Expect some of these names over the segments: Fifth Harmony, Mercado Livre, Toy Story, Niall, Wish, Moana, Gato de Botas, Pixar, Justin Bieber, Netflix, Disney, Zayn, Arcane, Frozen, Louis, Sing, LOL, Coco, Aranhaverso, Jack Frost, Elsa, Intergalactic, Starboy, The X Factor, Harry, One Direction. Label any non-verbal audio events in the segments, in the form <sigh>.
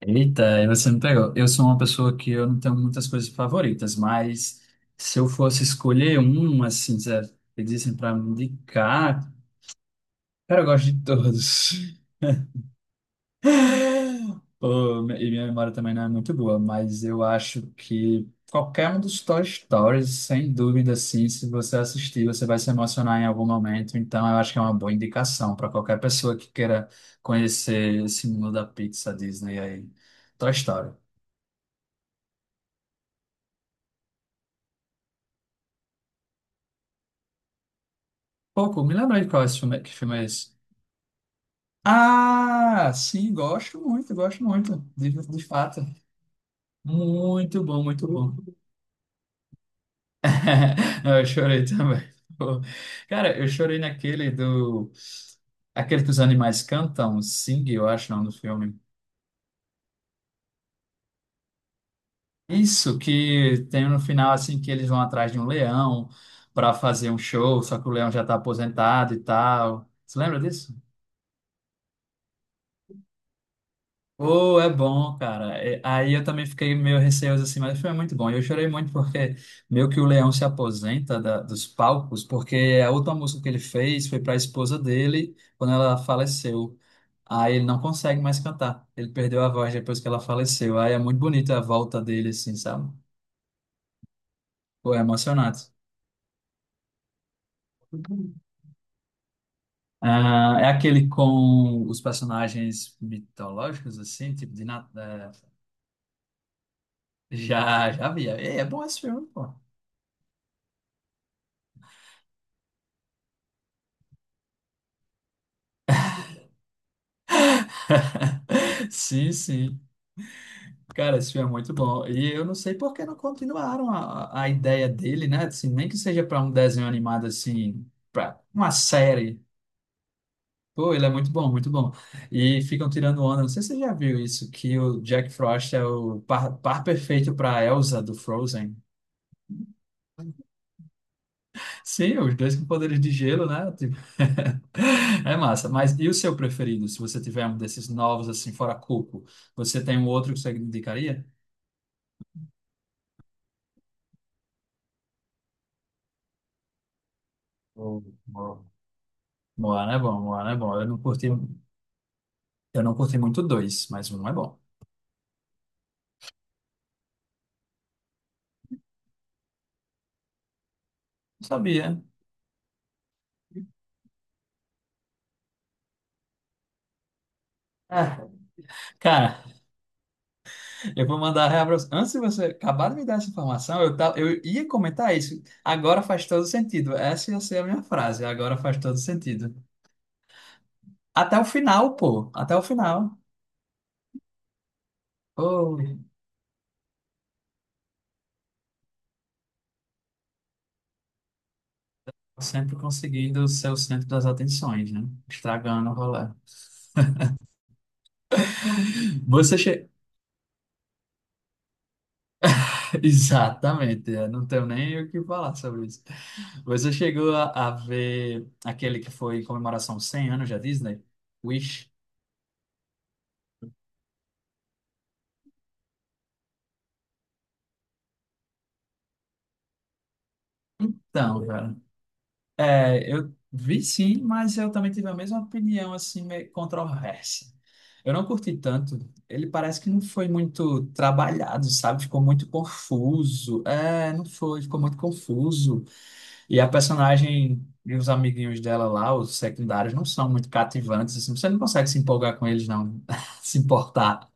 Eita, aí você me pegou. Eu sou uma pessoa que eu não tenho muitas coisas favoritas, mas se eu fosse escolher um, assim, se pedissem para me indicar, cara, eu gosto de todos. <laughs> Pô, e minha memória também não é muito boa, mas eu acho que qualquer um dos Toy Stories, sem dúvida, assim, se você assistir, você vai se emocionar em algum momento. Então, eu acho que é uma boa indicação para qualquer pessoa que queira conhecer esse mundo da Pixar, Disney aí. Toy Story. Pouco, me lembra de qual é esse filme, que filme é esse? Ah, sim, gosto muito, de fato. Muito bom, muito bom. <laughs> Não, eu chorei também. Pô. Cara, eu chorei naquele do. Aquele que os animais cantam, Sing, eu acho, não, do filme. Isso, que tem no final, assim, que eles vão atrás de um leão para fazer um show, só que o leão já tá aposentado e tal. Você lembra disso? Oh, é bom, cara. É, aí eu também fiquei meio receoso assim, mas o filme é muito bom. Eu chorei muito porque meio que o Leão se aposenta dos palcos, porque a última música que ele fez foi para a esposa dele quando ela faleceu. Aí ele não consegue mais cantar. Ele perdeu a voz depois que ela faleceu. Aí é muito bonita a volta dele, assim, sabe? Pô, é emocionante. Ah, é aquele com os personagens mitológicos, assim, tipo de. Já, já vi. É, é bom esse filme, pô. <laughs> Sim, sim. Cara, esse filme é muito bom. E eu não sei por que não continuaram a ideia dele, né? Assim, nem que seja para um desenho animado, assim, para uma série. Pô, ele é muito bom, muito bom. E ficam tirando onda. Não sei se você já viu isso, que o Jack Frost é o par, par perfeito para Elsa do Frozen. <laughs> Sim, os dois com poderes de gelo, né? Tipo, <laughs> é massa. Mas e o seu preferido? Se você tiver um desses novos, assim, fora Coco, você tem um outro que você indicaria? Bom, bom. Moana é bom, Moana é bom. Eu não curti muito dois, mas um é bom. Não sabia. Ah, cara, eu vou mandar real pra você. Antes de você acabar de me dar essa informação, tava, eu ia comentar isso. Agora faz todo sentido. Essa ia ser a minha frase. Agora faz todo sentido. Até o final, pô. Até o final. Pô, sempre conseguindo ser o centro das atenções, né? Estragando o rolê. Você, che... Exatamente, eu não tenho nem o que falar sobre isso. Você chegou a ver aquele que foi em comemoração aos 100 anos da Disney? Wish? Então, cara, eu vi sim, mas eu também tive a mesma opinião, assim, meio controversa. Eu não curti tanto. Ele parece que não foi muito trabalhado, sabe? Ficou muito confuso. É, não foi, ficou muito confuso. E a personagem e os amiguinhos dela lá, os secundários, não são muito cativantes, assim, você não consegue se empolgar com eles, não, <laughs> se importar.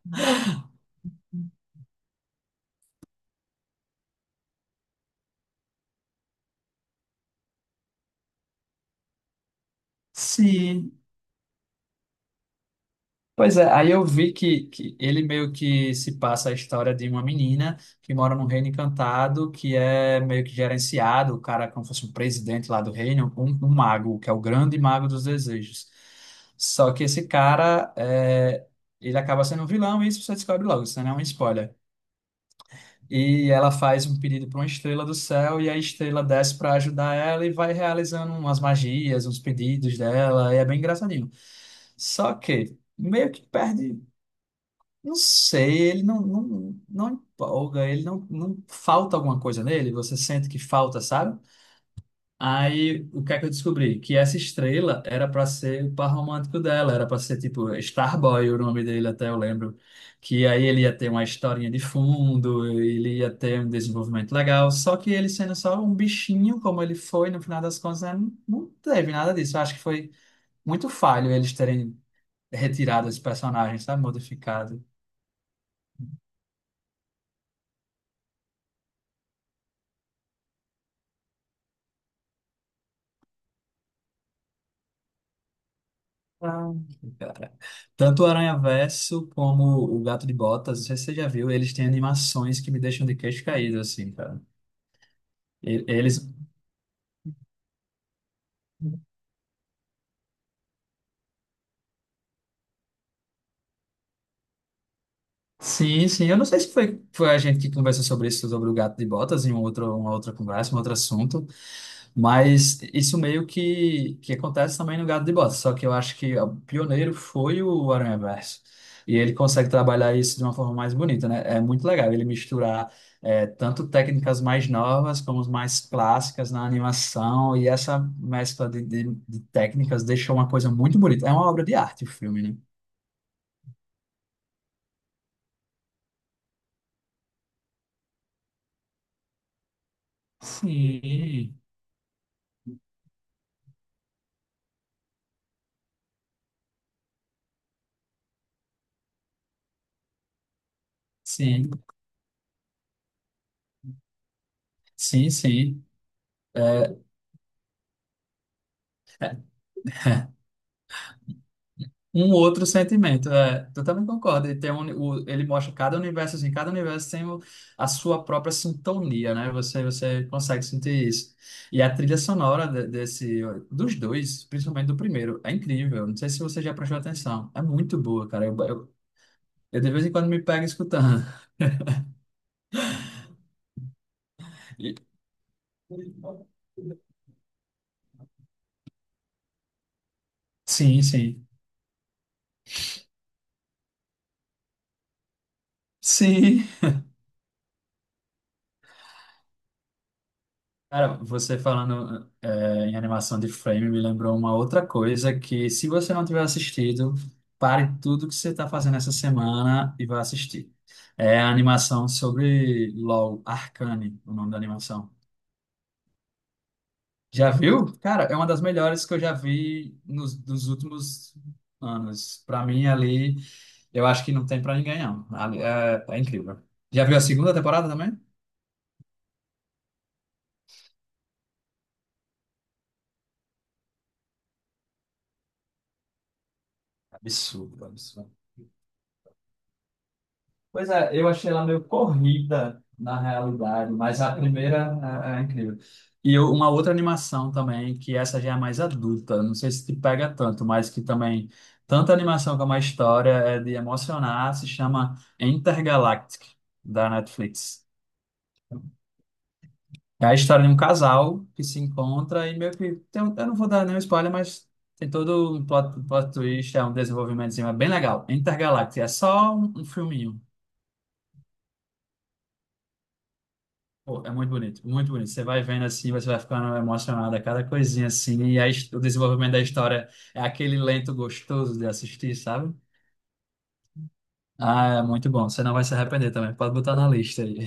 Sim. Pois é, aí eu vi que ele meio que se passa a história de uma menina que mora num reino encantado, que é meio que gerenciado, o cara é como se fosse um presidente lá do reino, um mago, que é o grande mago dos desejos. Só que esse cara, ele acaba sendo um vilão, e isso você descobre logo, isso não é um spoiler. E ela faz um pedido para uma estrela do céu, e a estrela desce para ajudar ela e vai realizando umas magias, uns pedidos dela, e é bem engraçadinho. Só que meio que perde, não sei, ele não, não empolga, ele não, não falta alguma coisa nele, você sente que falta, sabe? Aí, o que é que eu descobri? Que essa estrela era para ser o par romântico dela, era para ser tipo Starboy, o nome dele, até eu lembro. Que aí ele ia ter uma historinha de fundo, ele ia ter um desenvolvimento legal, só que ele sendo só um bichinho, como ele foi, no final das contas, né, não teve nada disso. Eu acho que foi muito falho eles terem retirado esse personagem, sabe? Modificado. Ah, cara. Tanto o Aranhaverso como o Gato de Botas, não sei se você já viu, eles têm animações que me deixam de queixo caído, assim, cara. E- Eles. Sim, sim. Eu não sei se foi, foi a gente que conversou sobre isso, sobre o Gato de Botas, em um outro, uma outra conversa, um outro assunto. Mas isso meio que acontece também no Gato de Botas, só que eu acho que o pioneiro foi o Aranhaverso. E ele consegue trabalhar isso de uma forma mais bonita, né? É muito legal ele misturar tanto técnicas mais novas como as mais clássicas na animação, e essa mescla de técnicas deixou uma coisa muito bonita. É uma obra de arte o filme, né? Sim. Sim, sim, sim. Um outro sentimento, é. Eu também concordo. Ele, tem um, ele mostra cada universo, assim, cada universo tem a sua própria sintonia, né? Você consegue sentir isso. E a trilha sonora desse, dos dois, principalmente do primeiro, é incrível. Não sei se você já prestou atenção. É muito boa, cara. Eu de vez em quando me pego escutando. <laughs> E- Sim, sim. Sim, cara, você falando em animação de frame me lembrou uma outra coisa que, se você não tiver assistido, pare tudo que você está fazendo essa semana e vá assistir. É a animação sobre LOL, Arcane, o nome da animação. Já viu? Cara, é uma das melhores que eu já vi nos dos últimos anos. Pra mim, ali, eu acho que não tem pra ninguém, não. Ali, é, é incrível. Já viu a segunda temporada também? Absurdo, absurdo. Pois é, eu achei ela meio corrida na realidade, mas a primeira é, é incrível. Uma outra animação também, que essa já é mais adulta, não sei se te pega tanto, mas que também, tanto a animação como a história é de emocionar, se chama Intergalactic, da Netflix. É a história de um casal que se encontra e meio que, tem eu não vou dar nenhum spoiler, mas tem todo um plot, plot twist, é um desenvolvimentozinho, é bem legal. Intergalactic, é só um filminho. Pô, é muito bonito, muito bonito. Você vai vendo assim, você vai ficando emocionado a cada coisinha assim, e a o desenvolvimento da história é aquele lento gostoso de assistir, sabe? Ah, é muito bom. Você não vai se arrepender também. Pode botar na lista aí.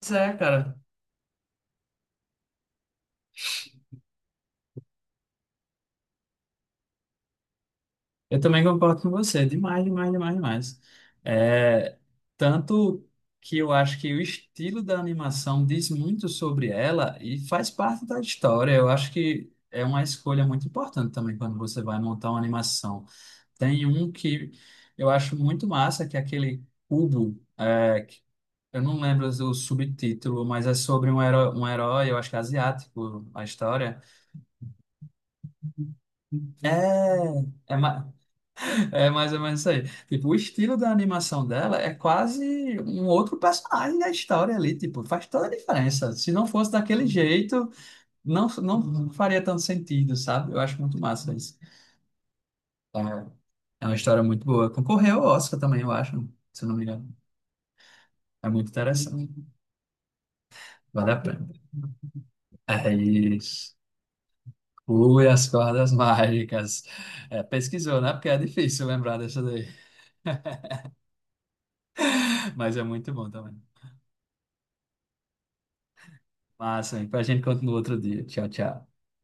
Pois é, cara. Eu também concordo com você. Demais, demais, demais, demais. É, tanto que eu acho que o estilo da animação diz muito sobre ela e faz parte da história. Eu acho que é uma escolha muito importante também quando você vai montar uma animação. Tem um que eu acho muito massa, que é aquele cubo. Eu não lembro o subtítulo, mas é sobre um herói, eu acho que é asiático, a história. É, é, ma- <laughs> É mais ou menos isso aí. Tipo, o estilo da animação dela é quase um outro personagem da história ali. Tipo, faz toda a diferença. Se não fosse daquele jeito, não, não faria tanto sentido, sabe? Eu acho muito massa isso. É, é uma história muito boa. Concorreu ao Oscar também, eu acho, se eu não me engano. É muito interessante. Vale a pena. É isso. Ui, as cordas mágicas. É, pesquisou, né? Porque é difícil lembrar dessa daí. <laughs> Mas é muito bom também. Massa, hein? A gente continua outro dia. Tchau, tchau.